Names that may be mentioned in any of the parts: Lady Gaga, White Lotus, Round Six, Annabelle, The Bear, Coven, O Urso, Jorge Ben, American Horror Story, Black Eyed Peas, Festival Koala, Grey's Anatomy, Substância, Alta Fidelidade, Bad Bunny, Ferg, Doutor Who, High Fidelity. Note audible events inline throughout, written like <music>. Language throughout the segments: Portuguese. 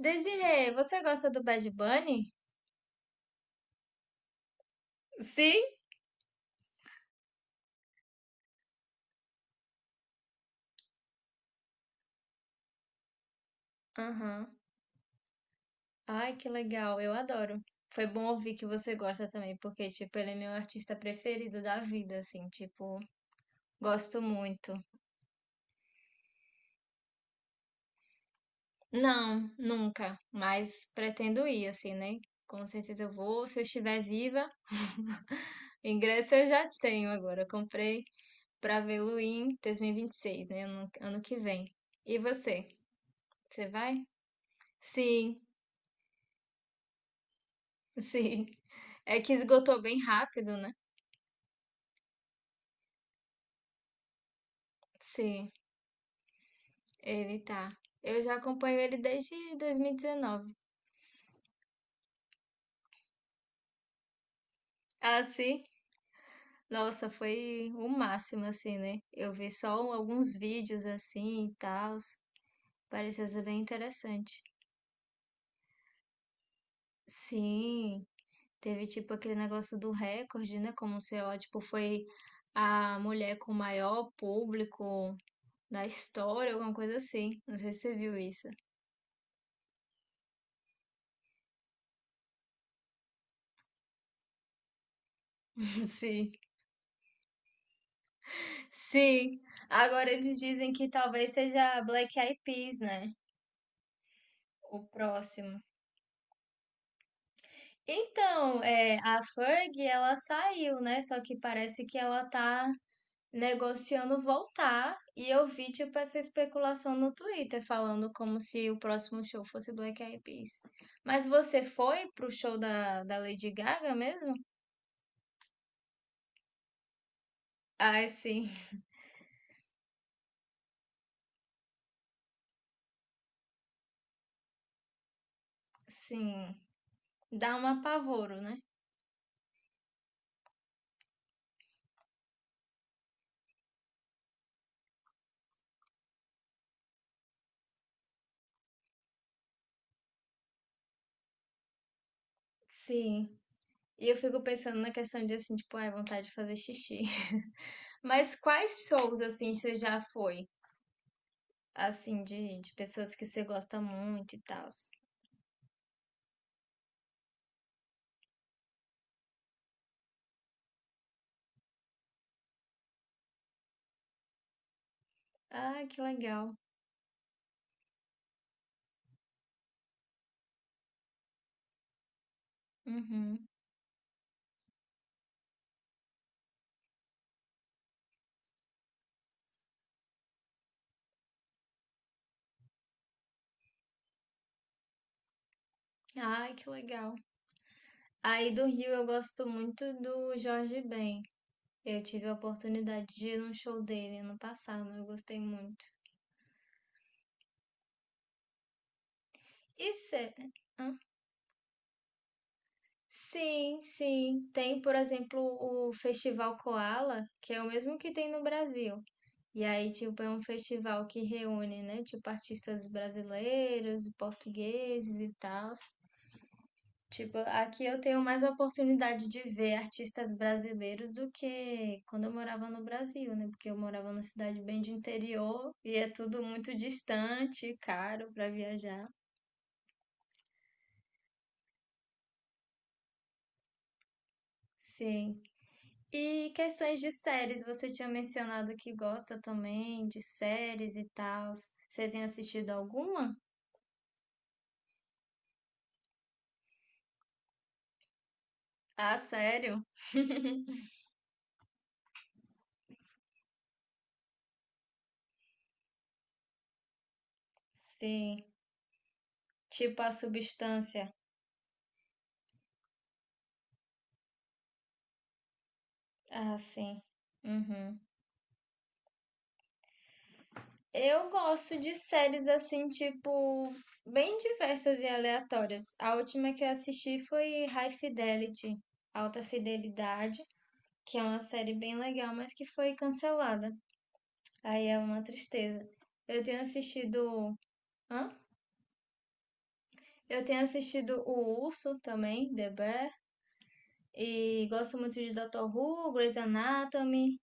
Desirê, você gosta do Bad Bunny? Sim? Aham. Ai, que legal, eu adoro. Foi bom ouvir que você gosta também, porque, tipo, ele é meu artista preferido da vida, assim, tipo, gosto muito. Não, nunca, mas pretendo ir, assim, né? Com certeza eu vou, se eu estiver viva. Ingresso eu já tenho agora, eu comprei pra vê-lo em 2026, né? Ano que vem. E você? Você vai? Sim, <laughs> sim. É que esgotou bem rápido, né? Sim, ele tá. Eu já acompanho ele desde 2019. Ah, sim? Nossa, foi o máximo, assim, né? Eu vi só um, alguns vídeos assim e tal. Parecia ser bem interessante. Sim, teve tipo aquele negócio do recorde, né? Como sei lá, tipo, foi a mulher com o maior público da história, alguma coisa assim. Não sei se você viu isso. <laughs> Sim, sim. Agora eles dizem que talvez seja Black Eyed Peas, né? O próximo. Então, é, a Ferg, ela saiu, né? Só que parece que ela tá negociando voltar. E eu vi, tipo, essa especulação no Twitter, falando como se o próximo show fosse Black Eyed Peas. Mas você foi pro show da Lady Gaga mesmo? Ai, sim. Sim. Dá um apavoro, né? Sim. E eu fico pensando na questão de, assim, tipo, ai, vontade de fazer xixi. <laughs> Mas quais shows, assim, você já foi? Assim, de pessoas que você gosta muito e tal. Ah, que legal. Uhum. Ai, que legal. Aí do Rio eu gosto muito do Jorge Ben. Eu tive a oportunidade de ir num show dele ano passado, eu gostei muito. E cê... Hã? Sim, sim. Tem, por exemplo, o Festival Koala, que é o mesmo que tem no Brasil. E aí, tipo, é um festival que reúne, né, tipo, artistas brasileiros, portugueses e tal. Tipo, aqui eu tenho mais oportunidade de ver artistas brasileiros do que quando eu morava no Brasil, né? Porque eu morava numa cidade bem de interior e é tudo muito distante, e caro para viajar. Sim. E questões de séries, você tinha mencionado que gosta também de séries e tal. Você tem assistido alguma? Ah, sério? Sim. Tipo a Substância. Ah, sim. Uhum. Eu gosto de séries assim, tipo, bem diversas e aleatórias. A última que eu assisti foi High Fidelity, Alta Fidelidade, que é uma série bem legal, mas que foi cancelada. Aí é uma tristeza. Eu tenho assistido. Hã? Eu tenho assistido O Urso também, The Bear, e gosto muito de Doutor Who, Grey's Anatomy,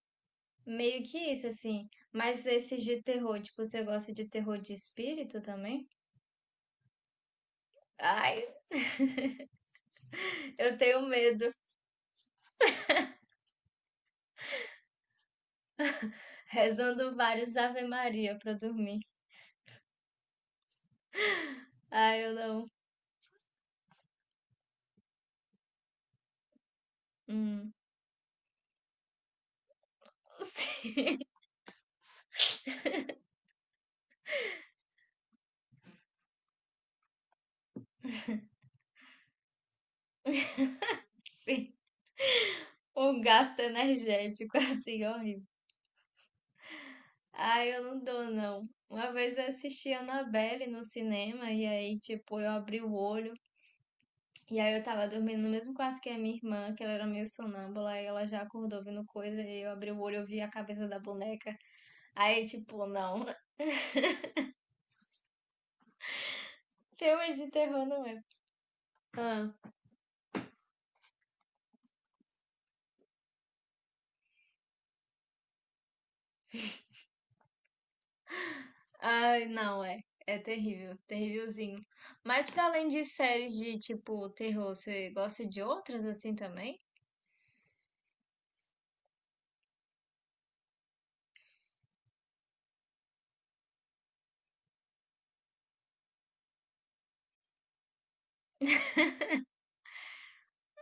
meio que isso, assim. Mas esses de terror, tipo, você gosta de terror de espírito também? Ai, eu tenho medo. Rezando vários Ave Maria pra dormir. Ah, eu não. Hum. <laughs> Sim, sim. Um gasto energético <laughs> assim horrível. Ah, eu não dou, não. Uma vez eu assisti a Annabelle no cinema e aí, tipo, eu abri o olho e aí eu tava dormindo no mesmo quarto que a minha irmã, que ela era meio sonâmbula e ela já acordou vendo coisa e eu abri o olho e eu vi a cabeça da boneca. Aí, tipo, não. <laughs> Filmes de terror não é. Ah. Ai, não, é. É terrível, terrívelzinho. Mas pra além de séries de tipo terror, você gosta de outras assim também?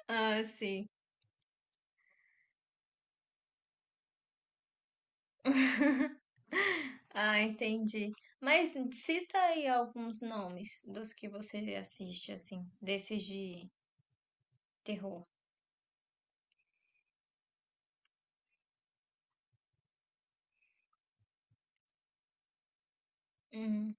Ah, sim. Ah, entendi. Mas cita aí alguns nomes dos que você assiste assim, desses de terror. Uhum.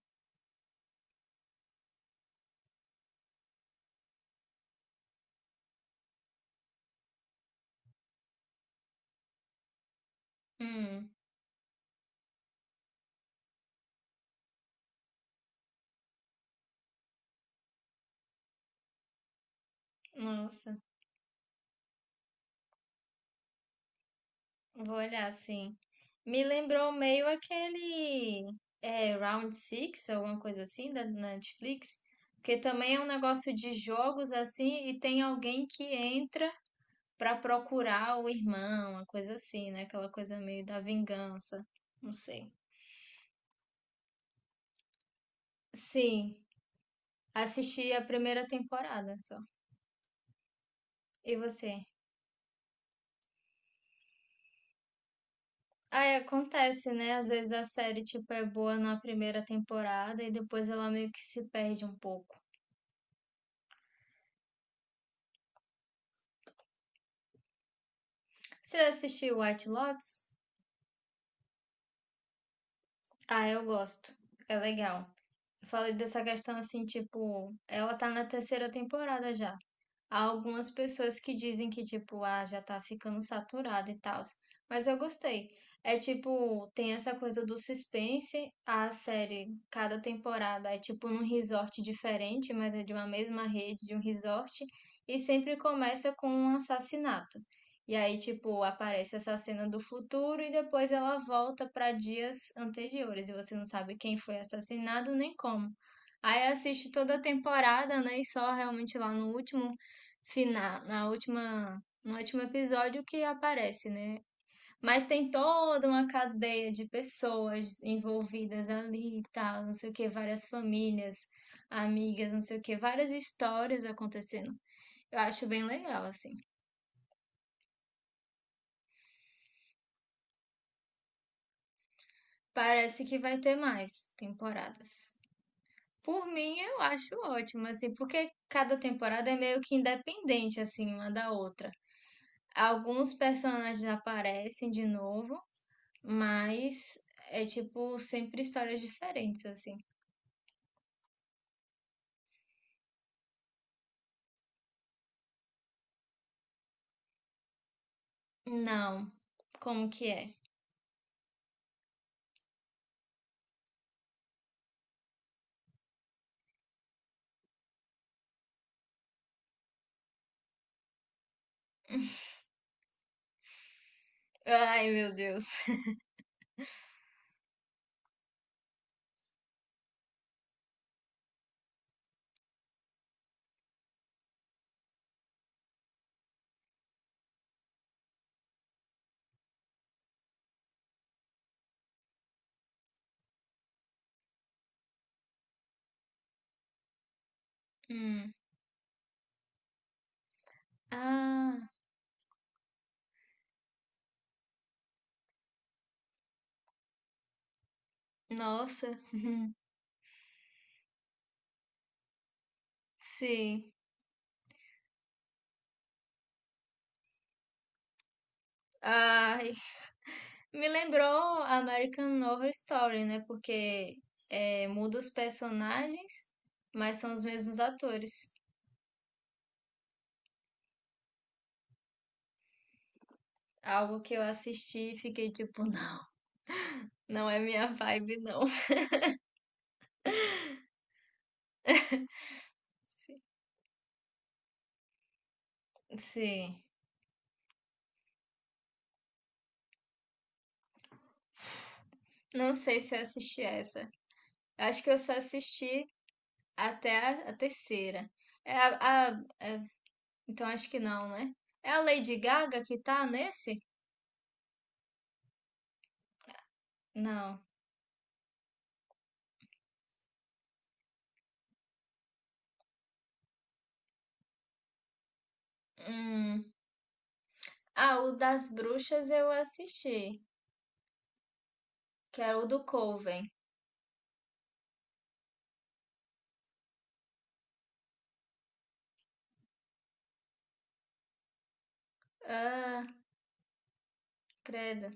Hum, nossa, vou olhar sim. Me lembrou meio aquele, é, Round Six, alguma coisa assim, da Netflix, que também é um negócio de jogos assim, e tem alguém que entra pra procurar o irmão, uma coisa assim, né? Aquela coisa meio da vingança, não sei. Sim, assisti a primeira temporada só. E você? Ah, é, acontece, né? Às vezes a série, tipo, é boa na primeira temporada e depois ela meio que se perde um pouco. Você já assistiu White Lotus? Ah, eu gosto. É legal. Eu falei dessa questão assim, tipo, ela tá na terceira temporada já. Há algumas pessoas que dizem que, tipo, ah, já tá ficando saturado e tal. Mas eu gostei. É tipo, tem essa coisa do suspense. A série, cada temporada é tipo num resort diferente, mas é de uma mesma rede, de um resort. E sempre começa com um assassinato. E aí, tipo, aparece essa cena do futuro e depois ela volta pra dias anteriores. E você não sabe quem foi assassinado nem como. Aí assiste toda a temporada, né? E só realmente lá no último, na última, no último episódio que aparece, né? Mas tem toda uma cadeia de pessoas envolvidas ali e tal, não sei o que, várias famílias, amigas, não sei o que, várias histórias acontecendo. Eu acho bem legal, assim. Parece que vai ter mais temporadas. Por mim, eu acho ótimo, assim, porque cada temporada é meio que independente, assim, uma da outra. Alguns personagens aparecem de novo, mas é tipo sempre histórias diferentes, assim. Não. Como que é? Ai, meu Deus. <laughs> Hum. Ah, nossa. <laughs> Sim. Ai, me lembrou American Horror Story, né? Porque, é, muda os personagens, mas são os mesmos atores. Algo que eu assisti e fiquei tipo, <laughs> não, não é minha vibe, não. <laughs> Sim. Não sei se eu assisti essa. Acho que eu só assisti até a terceira. É a. Então acho que não, né? É a Lady Gaga que tá nesse? Não. Hum. Ah, o das bruxas eu assisti, que era o do Coven. Ah, credo.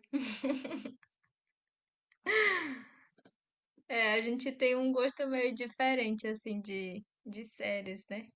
É, a gente tem um gosto meio diferente, assim, de séries, né?